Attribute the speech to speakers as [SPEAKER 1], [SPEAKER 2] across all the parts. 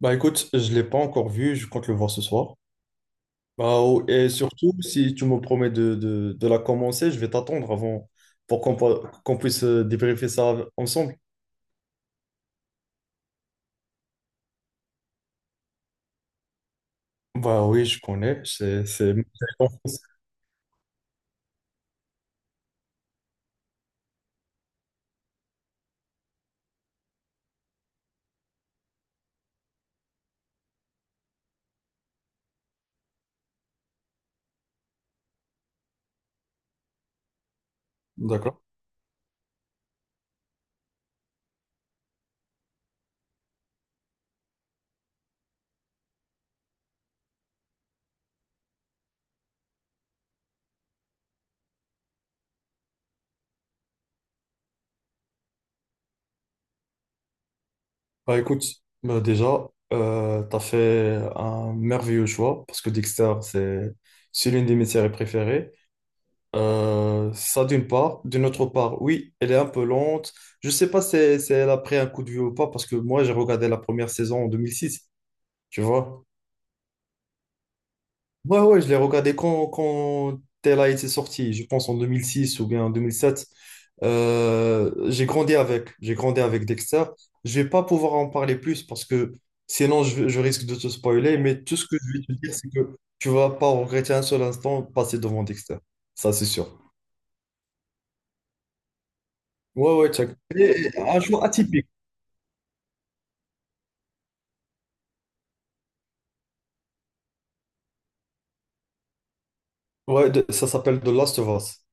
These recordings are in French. [SPEAKER 1] Bah écoute, je l'ai pas encore vu, je compte le voir ce soir. Bah, oh, et surtout, si tu me promets de la commencer, je vais t'attendre avant pour qu'on puisse débriefer ça ensemble. Bah oui, je connais, c'est ma série d'enfance. D'accord. Bah écoute, bah déjà, t'as fait un merveilleux choix parce que Dexter, c'est l'une de mes séries préférées. Ça d'une part. D'une autre part, oui, elle est un peu lente. Je sais pas si elle a pris un coup de vieux ou pas, parce que moi, j'ai regardé la première saison en 2006, tu vois. Ouais, ouais, je l'ai regardé quand elle a été sortie, je pense en 2006 ou bien en 2007. J'ai grandi avec, j'ai grandi avec Dexter. Je vais pas pouvoir en parler plus parce que sinon je risque de te spoiler, mais tout ce que je vais te dire, c'est que tu vas pas regretter un seul instant passé devant Dexter. Ça, c'est sûr. Ouais, ouais, check. Et- et un jeu atypique. Ouais, ça s'appelle The Last of Us.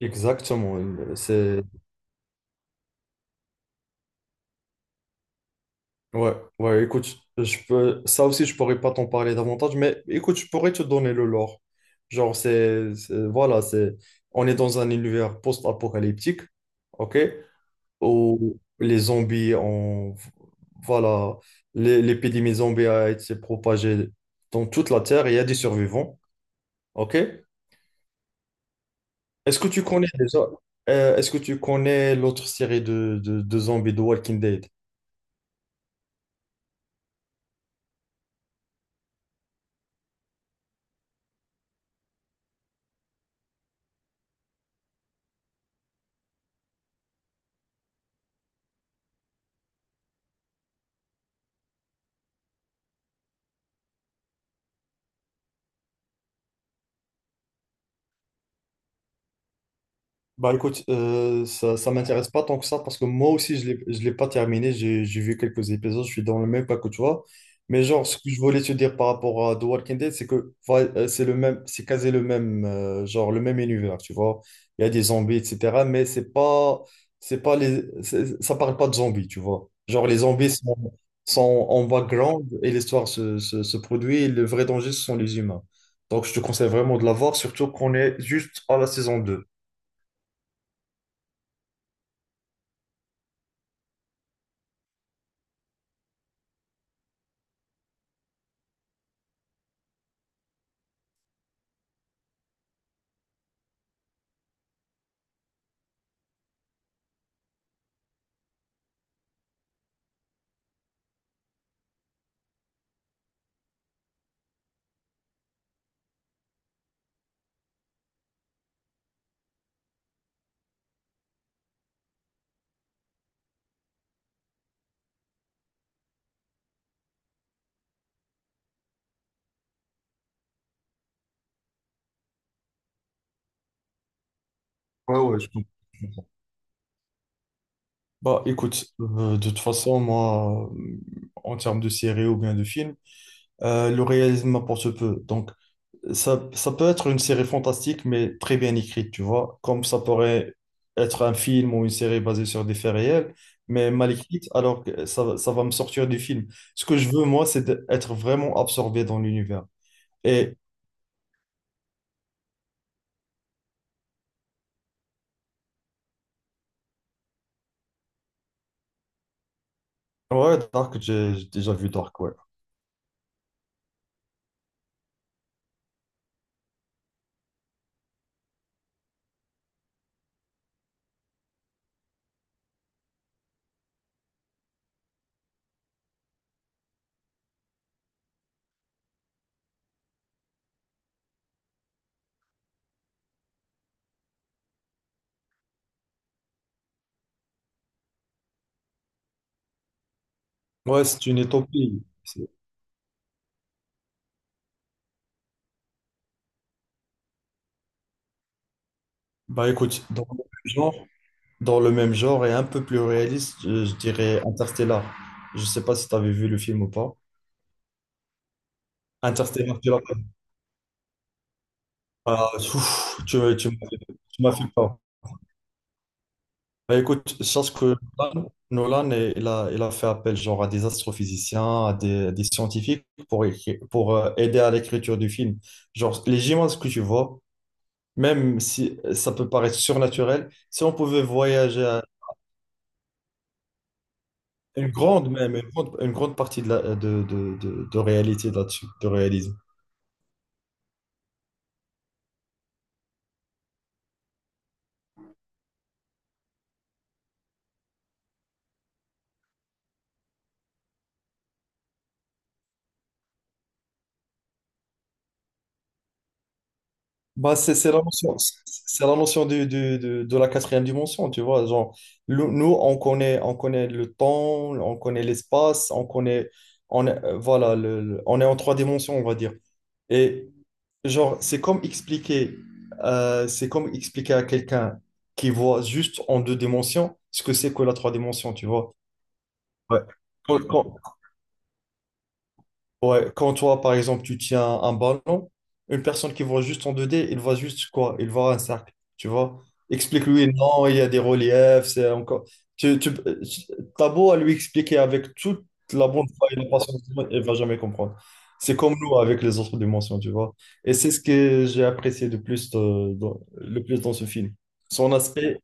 [SPEAKER 1] Exactement. C'est... Ouais, ouais, écoute, je peux... ça aussi, je pourrais pas t'en parler davantage, mais écoute, je pourrais te donner le lore. Genre, c'est voilà, c'est... On est dans un univers post-apocalyptique, ok? Où les zombies ont... Voilà, l'épidémie zombie a été propagée dans toute la Terre et il y a des survivants, ok? Est-ce que tu connais déjà, est-ce que tu connais l'autre série de zombies de Walking Dead? Bah écoute, ça, ça m'intéresse pas tant que ça parce que moi aussi je l'ai pas terminé, j'ai vu quelques épisodes, je suis dans le même pas que toi. Mais genre, ce que je voulais te dire par rapport à The Walking Dead, c'est que voilà, c'est le même, c'est quasi le même, genre le même univers, tu vois. Il y a des zombies, etc. Mais c'est pas les, ça parle pas de zombies, tu vois. Genre les zombies sont en background et l'histoire se produit et le vrai danger, ce sont les humains. Donc je te conseille vraiment de la voir, surtout qu'on est juste à la saison deux. Ouais, ouais, je... Bah écoute, de toute façon, moi, en termes de série ou bien de film, le réalisme m'apporte peu. Donc, ça peut être une série fantastique, mais très bien écrite, tu vois, comme ça pourrait être un film ou une série basée sur des faits réels, mais mal écrite, alors que ça va me sortir du film. Ce que je veux, moi, c'est d'être vraiment absorbé dans l'univers. Et ouais, Dark, j'ai déjà vu Dark, ouais. Ouais, c'est une utopie. Bah écoute, dans le même genre. Dans le même genre et un peu plus réaliste, je dirais Interstellar. Je sais pas si tu avais vu le film ou pas. Interstellar, tu l'as pas vu. Ah, ouf, tu m'as fait peur. Bah, écoute, je pense que Nolan, il a fait appel genre à des astrophysiciens, à des scientifiques pour, aider à l'écriture du film. Genre, les images que tu vois, même si ça peut paraître surnaturel, si on pouvait voyager... Une grande même, une grande partie de, la, de réalité là-dessus, de réalisme. Bah, c'est la notion de la quatrième dimension, tu vois. Genre, nous, on connaît le temps, on connaît l'espace, on connaît, on est, voilà, on est en trois dimensions, on va dire. Et genre, c'est comme expliquer à quelqu'un qui voit juste en deux dimensions ce que c'est que la trois dimensions, tu vois. Ouais. Quand, quand- Ouais, quand toi, par exemple, tu tiens un ballon, une personne qui voit juste en 2D, il voit juste quoi? Il voit un cercle, tu vois? Explique-lui, non, il y a des reliefs, c'est encore... Tu, tu, t'as beau à lui expliquer avec toute la bonne foi et la patience du monde, il va jamais comprendre. C'est comme nous avec les autres dimensions, tu vois? Et c'est ce que j'ai apprécié le plus dans ce film. Son aspect...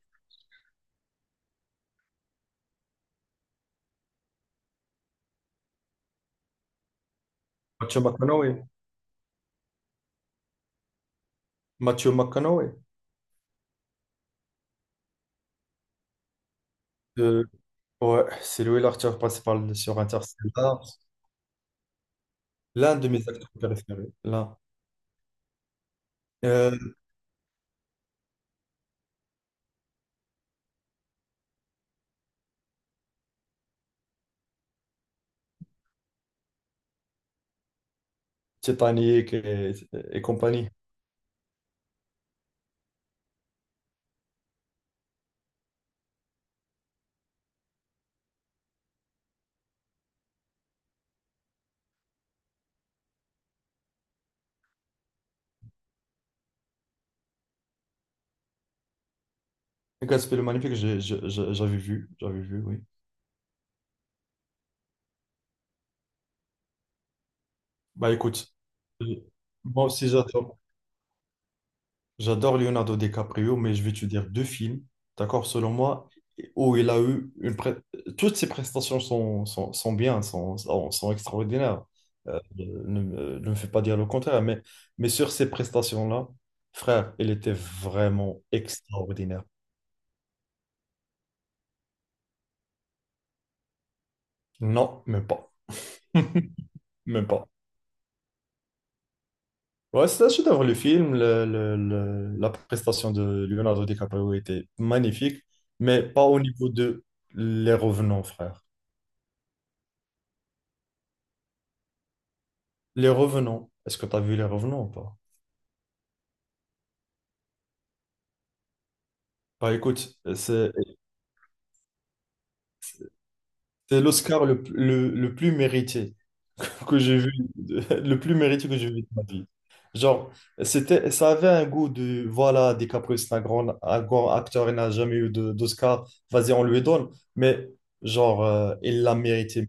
[SPEAKER 1] Matthew McConaughey. Matthew McConaughey. Euh, ouais, c'est lui l'acteur principal sur Interstellar. L'un de mes acteurs préférés, l'un. Euh, Titanic et compagnie. Gatsby le Magnifique, j'avais vu, oui. Bah écoute, euh, moi aussi j'adore. J'adore Leonardo DiCaprio, mais je vais te dire deux films, d'accord, selon moi, où il a eu une... pré-... Toutes ses prestations sont, sont, sont bien, sont, sont, sont extraordinaires. Euh, ne, ne me fais pas dire le contraire, mais sur ces prestations-là, frère, il était vraiment extraordinaire. Non, même pas. Même pas. Ouais, c'est un chef-d'œuvre, le film. La prestation de Leonardo DiCaprio était magnifique, mais pas au niveau de Les Revenants, frère. Les Revenants, est-ce que tu as vu Les Revenants ou pas? Bah écoute, c'est l'Oscar le le- plus mérité que j'ai vu, le plus mérité que j'ai vu de ma vie. Genre, c'était, ça avait un goût de, voilà, DiCaprio, c'est un grand acteur, il n'a jamais eu d'Oscar, vas-y, on lui donne, mais genre, il l'a mérité.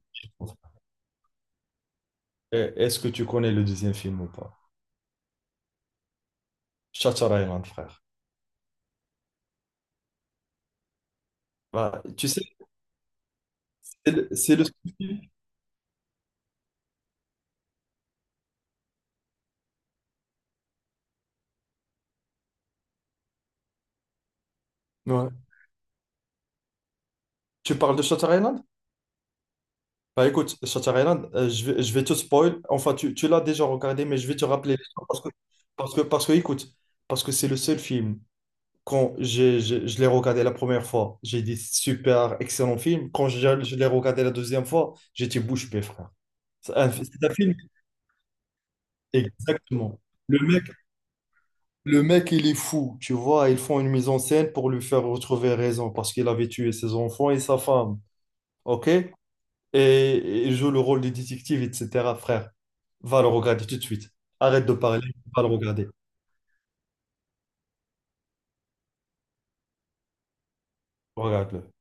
[SPEAKER 1] Eh, est-ce que tu connais le deuxième film ou pas? Shutter Island, frère. Bah, tu sais, c'est le seul... Ouais. Tu parles de Shutter Island? Bah écoute, Shutter Island, je vais te spoil. Enfin, tu l'as déjà regardé, mais je vais te rappeler l'histoire parce que, écoute, parce que c'est le seul film. Quand je l'ai regardé la première fois, j'ai dit super, excellent film. Quand je l'ai regardé la deuxième fois, j'étais bouche bée, frère. C'est un film, exactement. Le... Le mec, il est fou, tu vois. Ils font une mise en scène pour lui faire retrouver raison parce qu'il avait tué ses enfants et sa femme. OK? Et il joue le rôle du détective, etc. Frère, va le regarder tout de suite. Arrête de parler, va le regarder. Regarde-le.